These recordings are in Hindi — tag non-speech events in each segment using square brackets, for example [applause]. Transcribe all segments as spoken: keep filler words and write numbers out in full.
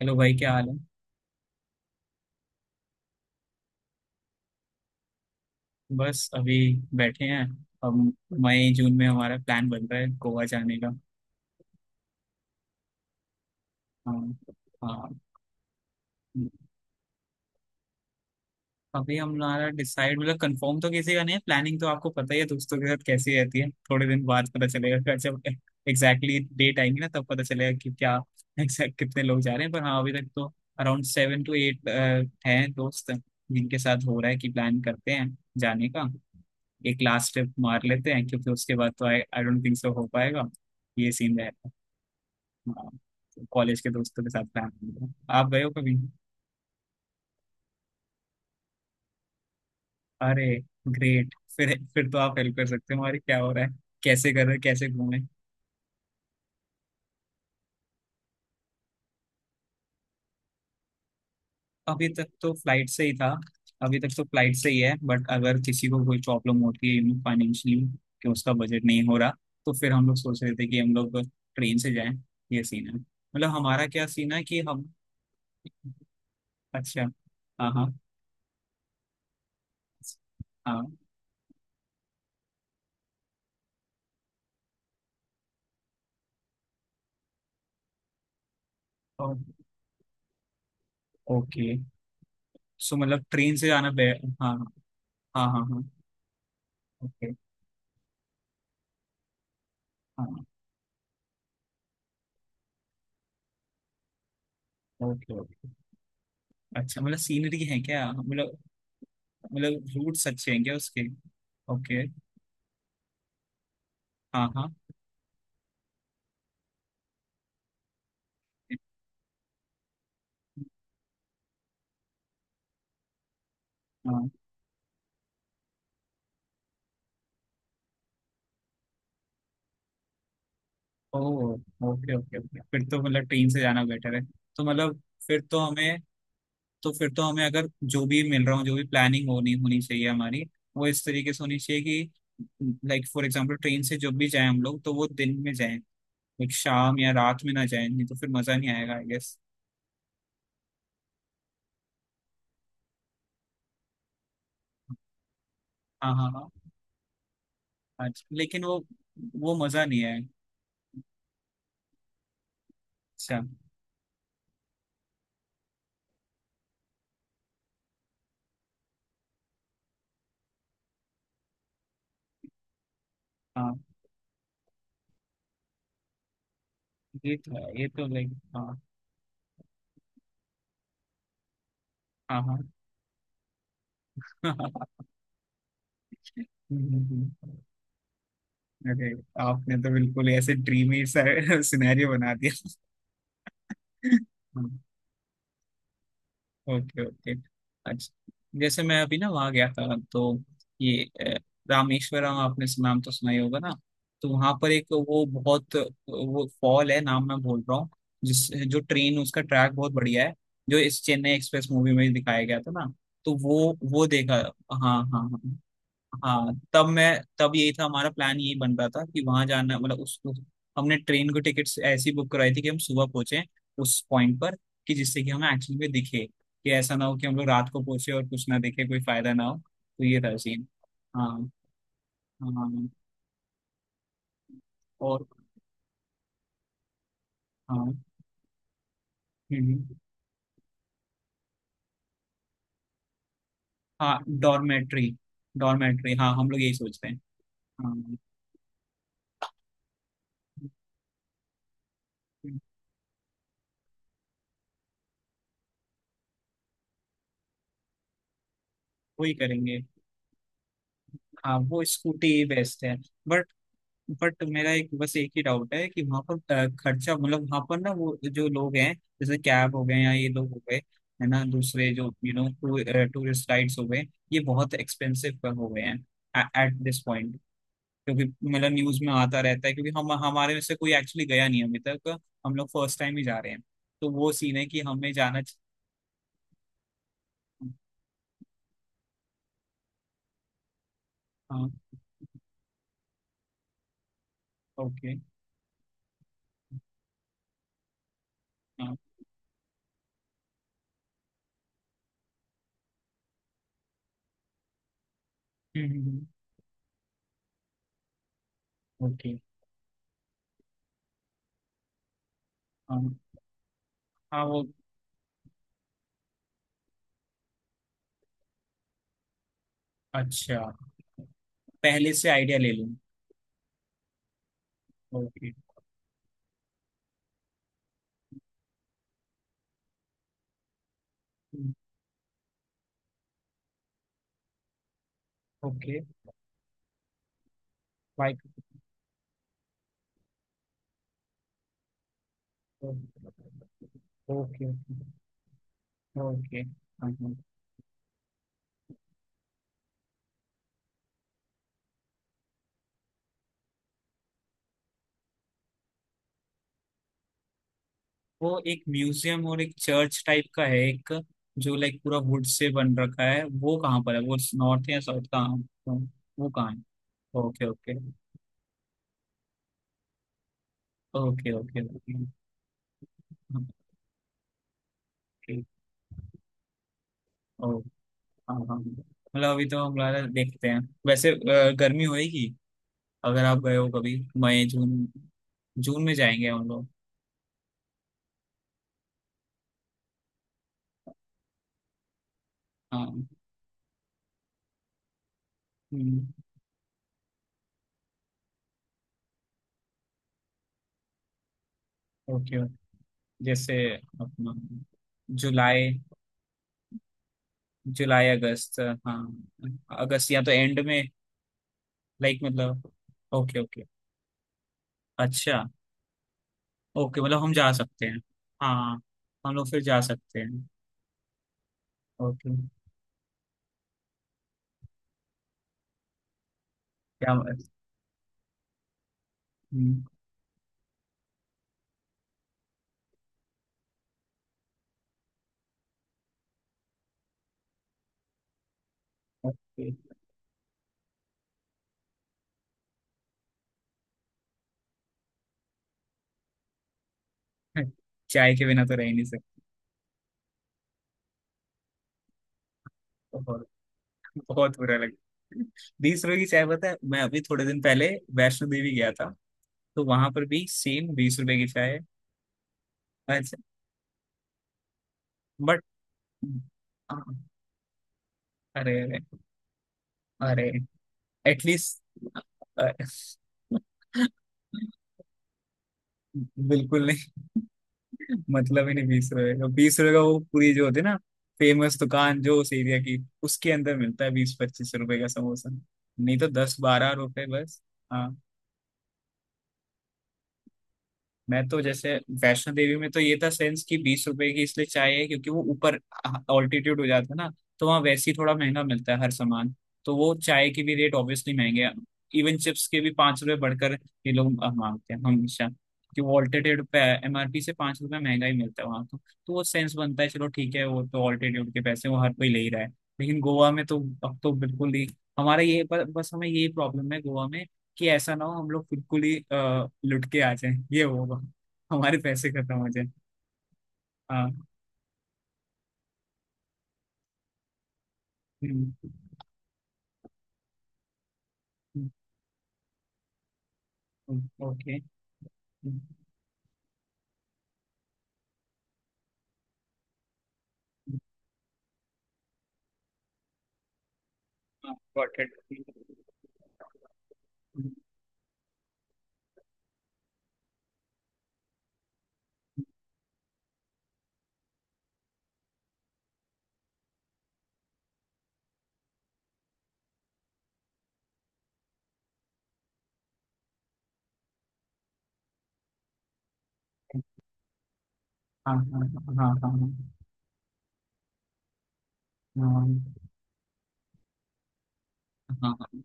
हेलो भाई, क्या हाल है। बस अभी बैठे हैं। अब मई जून में हमारा प्लान बन रहा है गोवा जाने का। हाँ, हाँ। अभी हमारा डिसाइड मतलब कंफर्म तो किसी का नहीं है। प्लानिंग तो आपको पता ही है दोस्तों के साथ कैसी रहती है। थोड़े दिन बाद पता चलेगा [laughs] कि जब एग्जैक्टली डेट आएंगी ना तब पता चलेगा कि क्या [laughs] एग्जैक्ट कितने लोग जा रहे हैं। पर हाँ, अभी तक तो अराउंड सेवन टू एट हैं दोस्त जिनके साथ हो रहा है कि प्लान करते हैं जाने का। एक लास्ट स्टेप मार लेते हैं क्योंकि उसके बाद तो I I don't think so हो पाएगा। ये सीन रहेगा, कॉलेज के दोस्तों के साथ प्लान होगा। आप गए हो कभी। अरे ग्रेट, फिर फिर तो आप हेल्प कर सकते हो, हमारे क्या हो रहा है, कैसे कर रहे हैं, कैसे घूमे। अभी तक तो फ्लाइट से ही था। अभी तक तो फ्लाइट से ही है, बट अगर किसी को कोई प्रॉब्लम होती है फाइनेंशियली कि उसका बजट नहीं हो रहा, तो फिर हम लोग सोच रहे थे कि हम लोग ट्रेन से जाएं। ये सीन है, मतलब हमारा क्या सीन है कि हम। अच्छा। हाँ, हाँ, हाँ। ओ, ओके। सो मतलब ट्रेन से आना बे। हाँ, हाँ, हाँ, हाँ। ओके। हाँ। Okay, okay. अच्छा, मतलब सीनरी है क्या, मतलब मतलब रूट्स अच्छे हैं क्या उसके। ओके। हाँ, हाँ, हाँ। ओ, ओके, ओके, ओके। फिर तो मतलब ट्रेन से जाना बेटर है। तो मतलब फिर तो हमें, तो फिर तो हमें अगर जो भी मिल रहा हो, जो भी प्लानिंग होनी होनी चाहिए हमारी, वो इस तरीके से होनी चाहिए कि लाइक फॉर एग्जांपल ट्रेन से जब भी जाएं हम लोग तो वो दिन में जाएं। लाइक शाम या रात में ना जाए, नहीं तो फिर मजा नहीं आएगा, आई गेस। हाँ, हाँ, हाँ। आज लेकिन वो वो मजा नहीं है। अच्छा। हाँ, ये तो है, ये तो लाइक, हाँ। हाँ, हाँ, [laughs] अरे, आपने तो बिल्कुल ही ऐसे ड्रीमी सा [laughs] सिनेरियो बना दिया। [laughs] Okay, okay. अच्छा। जैसे मैं अभी ना वहाँ गया था, तो ये अ, रामेश्वरम, आपने सु- नाम तो सुना ही होगा ना। तो वहाँ पर एक वो बहुत वो फॉल है, नाम मैं भूल रहा हूँ, जिस जो ट्रेन उसका ट्रैक बहुत बढ़िया है, जो इस चेन्नई एक्सप्रेस मूवी में दिखाया गया था ना। तो वो वो देखा। हाँ, हाँ, हाँ, हाँ। तब मैं तब यही था हमारा प्लान, यही बन रहा था कि वहां जाना, मतलब उस उस- हमने ट्रेन को टिकट्स ऐसी बुक करवाई थी कि हम सुबह पहुंचे उस पॉइंट पर, कि जिससे कि हमें एक्चुअली में दिखे, कि ऐसा ना हो कि हम लोग रात को पहुंचे और कुछ ना दिखे, कोई फायदा ना हो, तो ये था सीन। हाँ, हाँ, और हाँ, हम्म, हम्म, हाँ। डॉर्मेट्री, डॉर्मेट्री, हाँ, हम लोग यही सोचते हैं। हाँ, वही करेंगे। हाँ, वो स्कूटी बेस्ट है। बट बट मेरा एक, बस एक ही डाउट है कि वहां पर अ, खर्चा, मतलब वहां पर ना वो जो लोग हैं, जैसे कैब हो गए या ये लोग हो गए, है ना, दूसरे जो यू नो टूरिस्ट गाइड्स हो गए, ये बहुत एक्सपेंसिव हो गए हैं एट दिस पॉइंट। क्योंकि मतलब न्यूज में आता रहता है, क्योंकि हम हमारे में से कोई एक्चुअली गया नहीं अभी तक। हम लोग फर्स्ट टाइम ही जा रहे हैं, तो वो सीन है कि हमें जाना चाहिए। हाँ। ओके। हाँ। ओके। हाँ, हाँ, वो अच्छा। पहले से आइडिया ले लूँ। Okay, okay, wait, okay, okay. वो एक म्यूजियम और एक चर्च टाइप का है, एक जो लाइक पूरा वुड से बन रखा है, वो कहाँ पर है वो, नॉर्थ या साउथ का। वो कहाँ है। Okay, okay, okay, okay, okay, okay, ओ, हाँ, हाँ। मतलब अभी तो हम लोग देखते हैं। वैसे अ, गर्मी होएगी, अगर आप गए हो कभी, मई जून, जून में जाएंगे हम लोग। हाँ, हम्म, ओके, ओके। जैसे अपना जुलाई जुलाई अगस्त, हाँ। अगस्त या तो एंड में। लाइक मतलब, ओके, ओके, अच्छा, ओके, मतलब हम जा सकते हैं। हाँ, हम लोग फिर जा सकते हैं। ओके। क्या, हम्म, ओके। [laughs] चाय के बिना तो रह ही नहीं सकते। बहुत, बहुत बुरा लगा। बीस रुपए की चाय, पता है, मैं अभी थोड़े दिन पहले वैष्णो देवी गया था। तो वहां पर भी सेम बीस रुपए की चाय है। अच्छा। बट, अरे, अरे, अरे, एटलीस्ट, बिल्कुल नहीं। [laughs] मतलब ही नहीं बीस रुपए का, बीस रुपए का वो पूरी जो होती है ना, फेमस दुकान जो उस एरिया की, उसके अंदर मिलता है बीस पच्चीस रुपए का समोसा। नहीं तो दस बारह रुपए बस। हाँ। मैं तो जैसे वैष्णो देवी में तो ये था सेंस कि बीस रुपए की इसलिए चाय है क्योंकि वो ऊपर ऑल्टीट्यूड हो जाता है ना, तो वहाँ वैसे ही थोड़ा महंगा मिलता है हर सामान, तो वो चाय के भी रेट ऑब्वियसली महंगे हैं, इवन चिप्स के भी पाँच रुपए बढ़कर ये लोग अ, मांगते हैं हमेशा, कि वो ऑल्टीट्यूड पे एम आर पी से पाँच रुपए महंगा ही मिलता है वहाँ तो। तो वो सेंस बनता है, चलो ठीक है, वो तो ऑल्टीट्यूड के पैसे वो हर कोई ले ही रहा है। लेकिन गोवा में तो अब तो बिल्कुल ही, हमारा ये, पर बस हमें ये प्रॉब्लम है गोवा में, कि ऐसा ना हो हम लोग बिल्कुल ही अ, लुट के आ जाएं, ये होगा, हमारे पैसे खत्म हो जाए। हाँ। हम्म। हम्म। ओके। हाँ। गॉट इट, हाँ। got it. हाँ, हाँ, हाँ, हाँ, हाँ, हाँ, हाँ।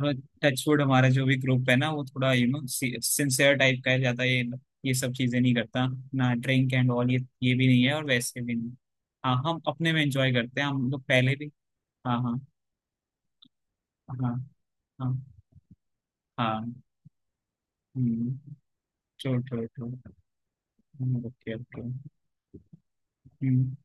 थोड़ा टचवुड, हमारा जो भी ग्रुप है ना वो थोड़ा यू नो सिंसियर टाइप का है, ज्यादा ये ये सब चीजें नहीं करता, ना ड्रिंक एंड ऑल, ये ये भी नहीं है, और वैसे भी नहीं। हाँ, हम अपने में एंजॉय करते हैं, हम लोग पहले भी। हाँ, हाँ, हाँ, हाँ, हाँ, हम्म। True, true, true. Okay, okay, हम्म,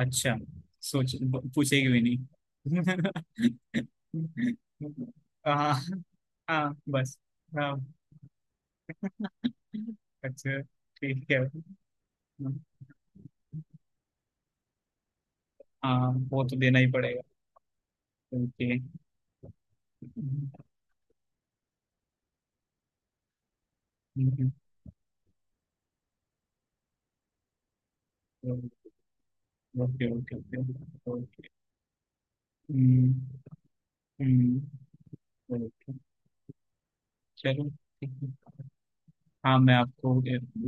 अच्छा। सोच ब- पूछेगी भी नहीं। [laughs] हाँ, हाँ, बस। हाँ, अच्छा, ठीक है। हाँ, वो तो देना ही पड़ेगा। Okay, okay, okay, okay, okay, हम्म, हम्म, ओके, चलो ठीक है। हाँ, मैं आपको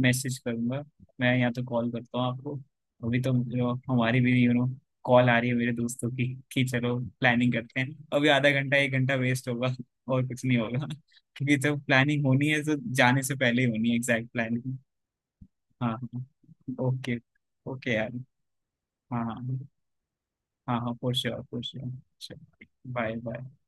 मैसेज करूंगा, मैं या तो कॉल करता हूँ आपको। अभी तो जो हमारी भी यू नो कॉल आ रही है मेरे दोस्तों की कि चलो प्लानिंग करते हैं, अभी आधा घंटा एक घंटा वेस्ट होगा [laughs] और कुछ नहीं होगा, क्योंकि जब प्लानिंग होनी है तो जाने से पहले ही होनी है एग्जैक्ट प्लानिंग। हाँ, हाँ, ओके, ओके यार। हाँ, हाँ, हाँ, हाँ, for sure, for sure. Bye, bye.